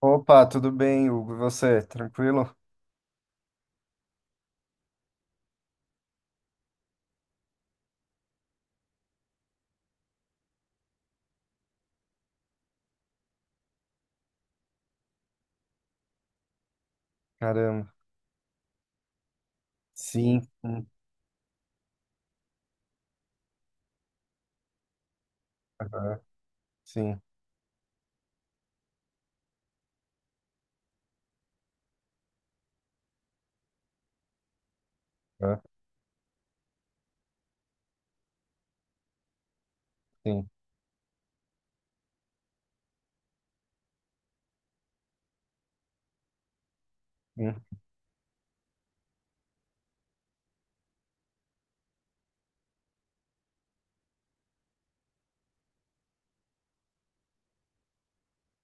Opa, tudo bem, Hugo? E você? Tranquilo? Caramba. Sim. Sim. Aham. Sim. Aham. Sim. Hum.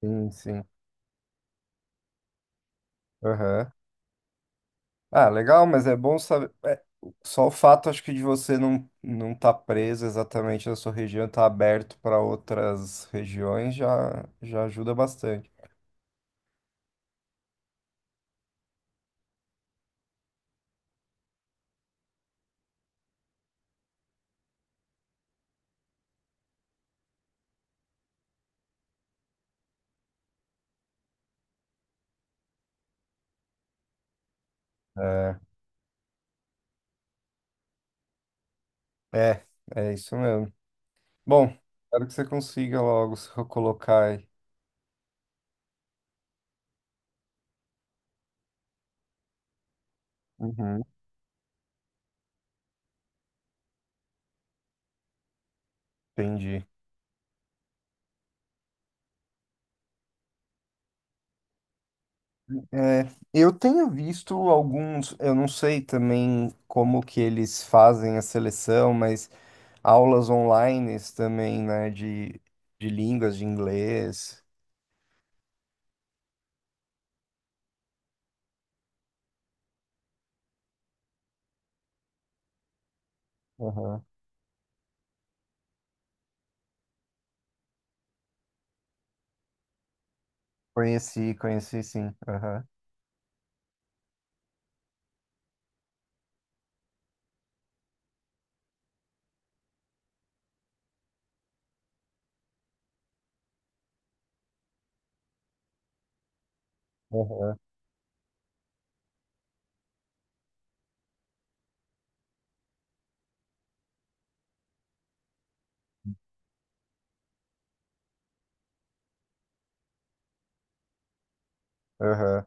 Sim, sim. Aham. Ah, legal, mas é bom saber. Só o fato, acho que, de você não estar preso exatamente na sua região, estar aberto para outras regiões já, já ajuda bastante. É, é, é isso mesmo. Bom, espero que você consiga logo se recolocar aí. Uhum. Entendi. É, eu tenho visto alguns, eu não sei também como que eles fazem a seleção, mas aulas online também, né, de línguas, de inglês. Aham. Conheci, conheci sim. Aham, aham, aham.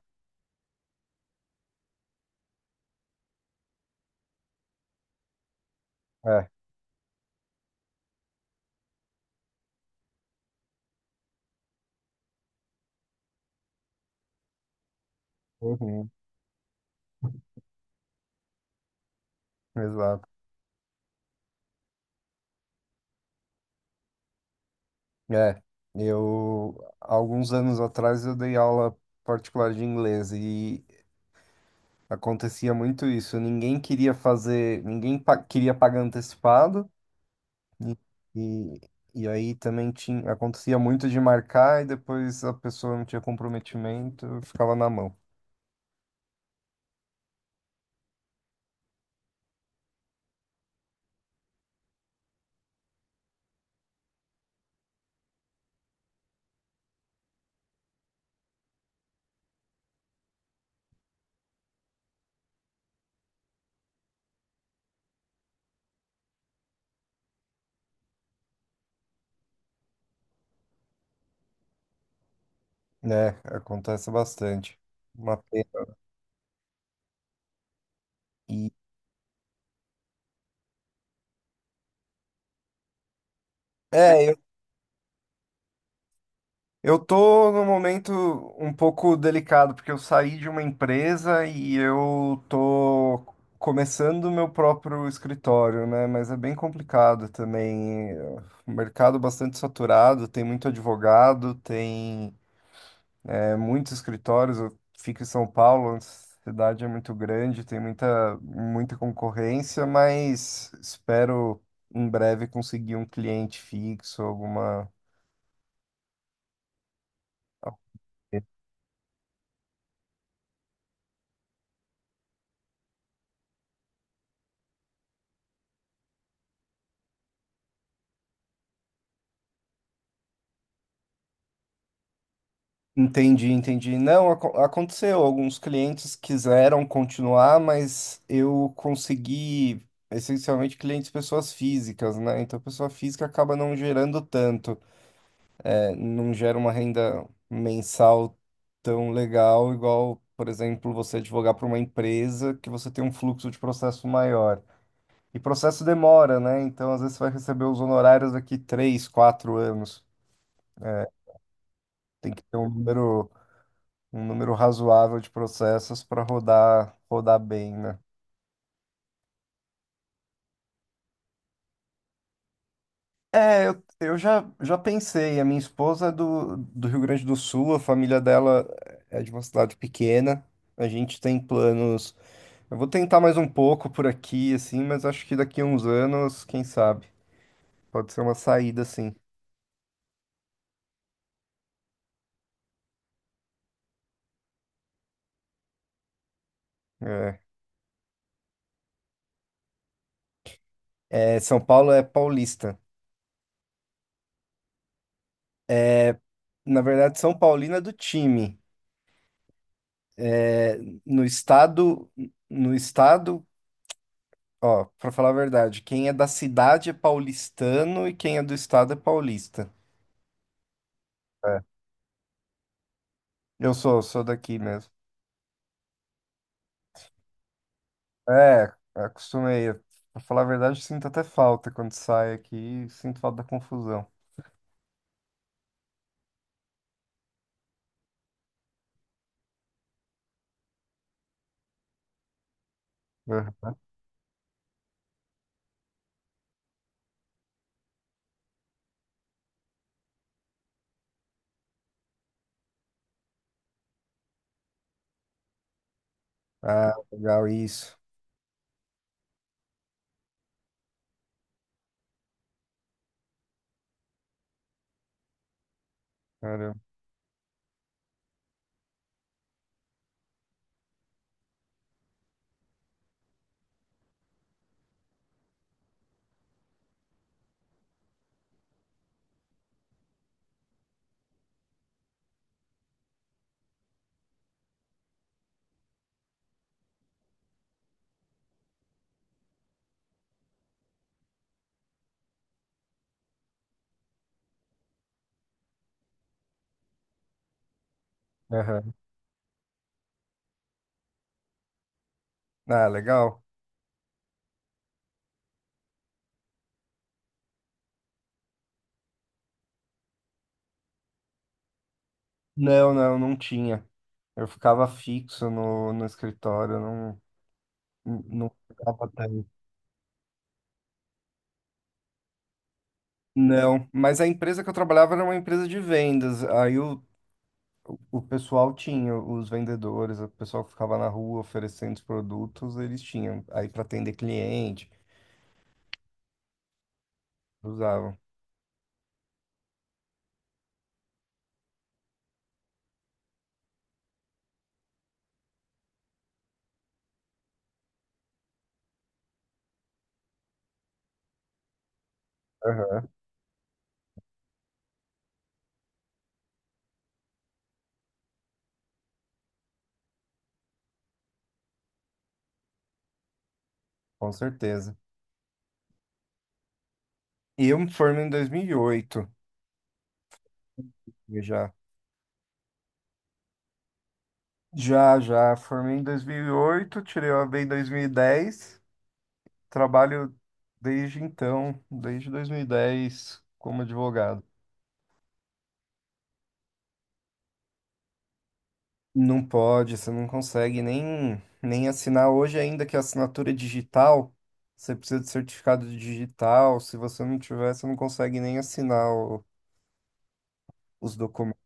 É, uhum, exato. É, alguns anos atrás eu dei aula particular de inglês e acontecia muito isso. Ninguém queria fazer, queria pagar antecipado. E, e, e aí também tinha, acontecia muito de marcar e depois a pessoa não tinha comprometimento, ficava na mão. É, acontece bastante. Uma pena. E, é, eu tô num momento um pouco delicado, porque eu saí de uma empresa e eu tô começando o meu próprio escritório, né? Mas é bem complicado também. O mercado bastante saturado, tem muito advogado, tem. É muitos escritórios, eu fico em São Paulo, a cidade é muito grande, tem muita concorrência, mas espero em breve conseguir um cliente fixo, alguma. Entendi, entendi. Não, aconteceu. Alguns clientes quiseram continuar, mas eu consegui essencialmente clientes pessoas físicas, né? Então, pessoa física acaba não gerando tanto, não gera uma renda mensal tão legal, igual, por exemplo, você advogar para uma empresa que você tem um fluxo de processo maior. E processo demora, né? Então, às vezes, você vai receber os honorários daqui três, quatro anos. Tem que ter um número razoável de processos para rodar, rodar bem, né? É, eu já, já pensei. A minha esposa é do Rio Grande do Sul, a família dela é de uma cidade pequena. A gente tem planos. Eu vou tentar mais um pouco por aqui, assim, mas acho que daqui a uns anos, quem sabe, pode ser uma saída, assim. É. É, São Paulo é paulista. Na verdade, São Paulino é do time. É, no estado, no estado, ó, pra falar a verdade, quem é da cidade é paulistano e quem é do estado é paulista. É. Eu sou, sou daqui mesmo. É, acostumei. Pra falar a verdade, sinto até falta quando saio aqui, sinto falta da confusão. Aham. Ah, legal, isso. Caramba. Aham. Ah, legal. Não, não, não tinha. Eu ficava fixo no escritório, não, não ficava tanto. Não, mas a empresa que eu trabalhava era uma empresa de vendas. O pessoal tinha, os vendedores, o pessoal que ficava na rua oferecendo os produtos, eles tinham. Aí para atender cliente, usavam. Aham. Com certeza. E eu me formei em 2008, eu já. Já, já, formei em 2008. Tirei o AB em 2010. Trabalho desde então, desde 2010 como advogado. Não pode, você não consegue nem assinar. Hoje, ainda que a assinatura é digital, você precisa de certificado digital. Se você não tiver, você não consegue nem assinar os documentos.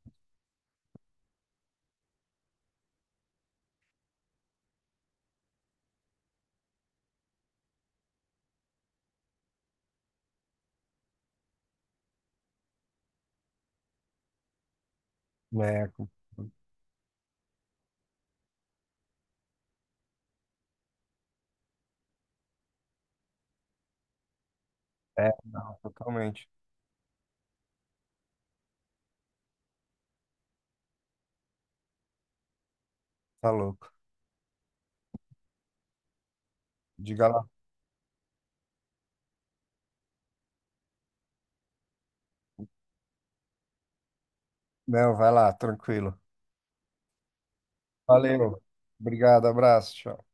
É, é, não, totalmente. Tá louco. Diga lá. Não, vai lá, tranquilo. Valeu. Obrigado, abraço, tchau.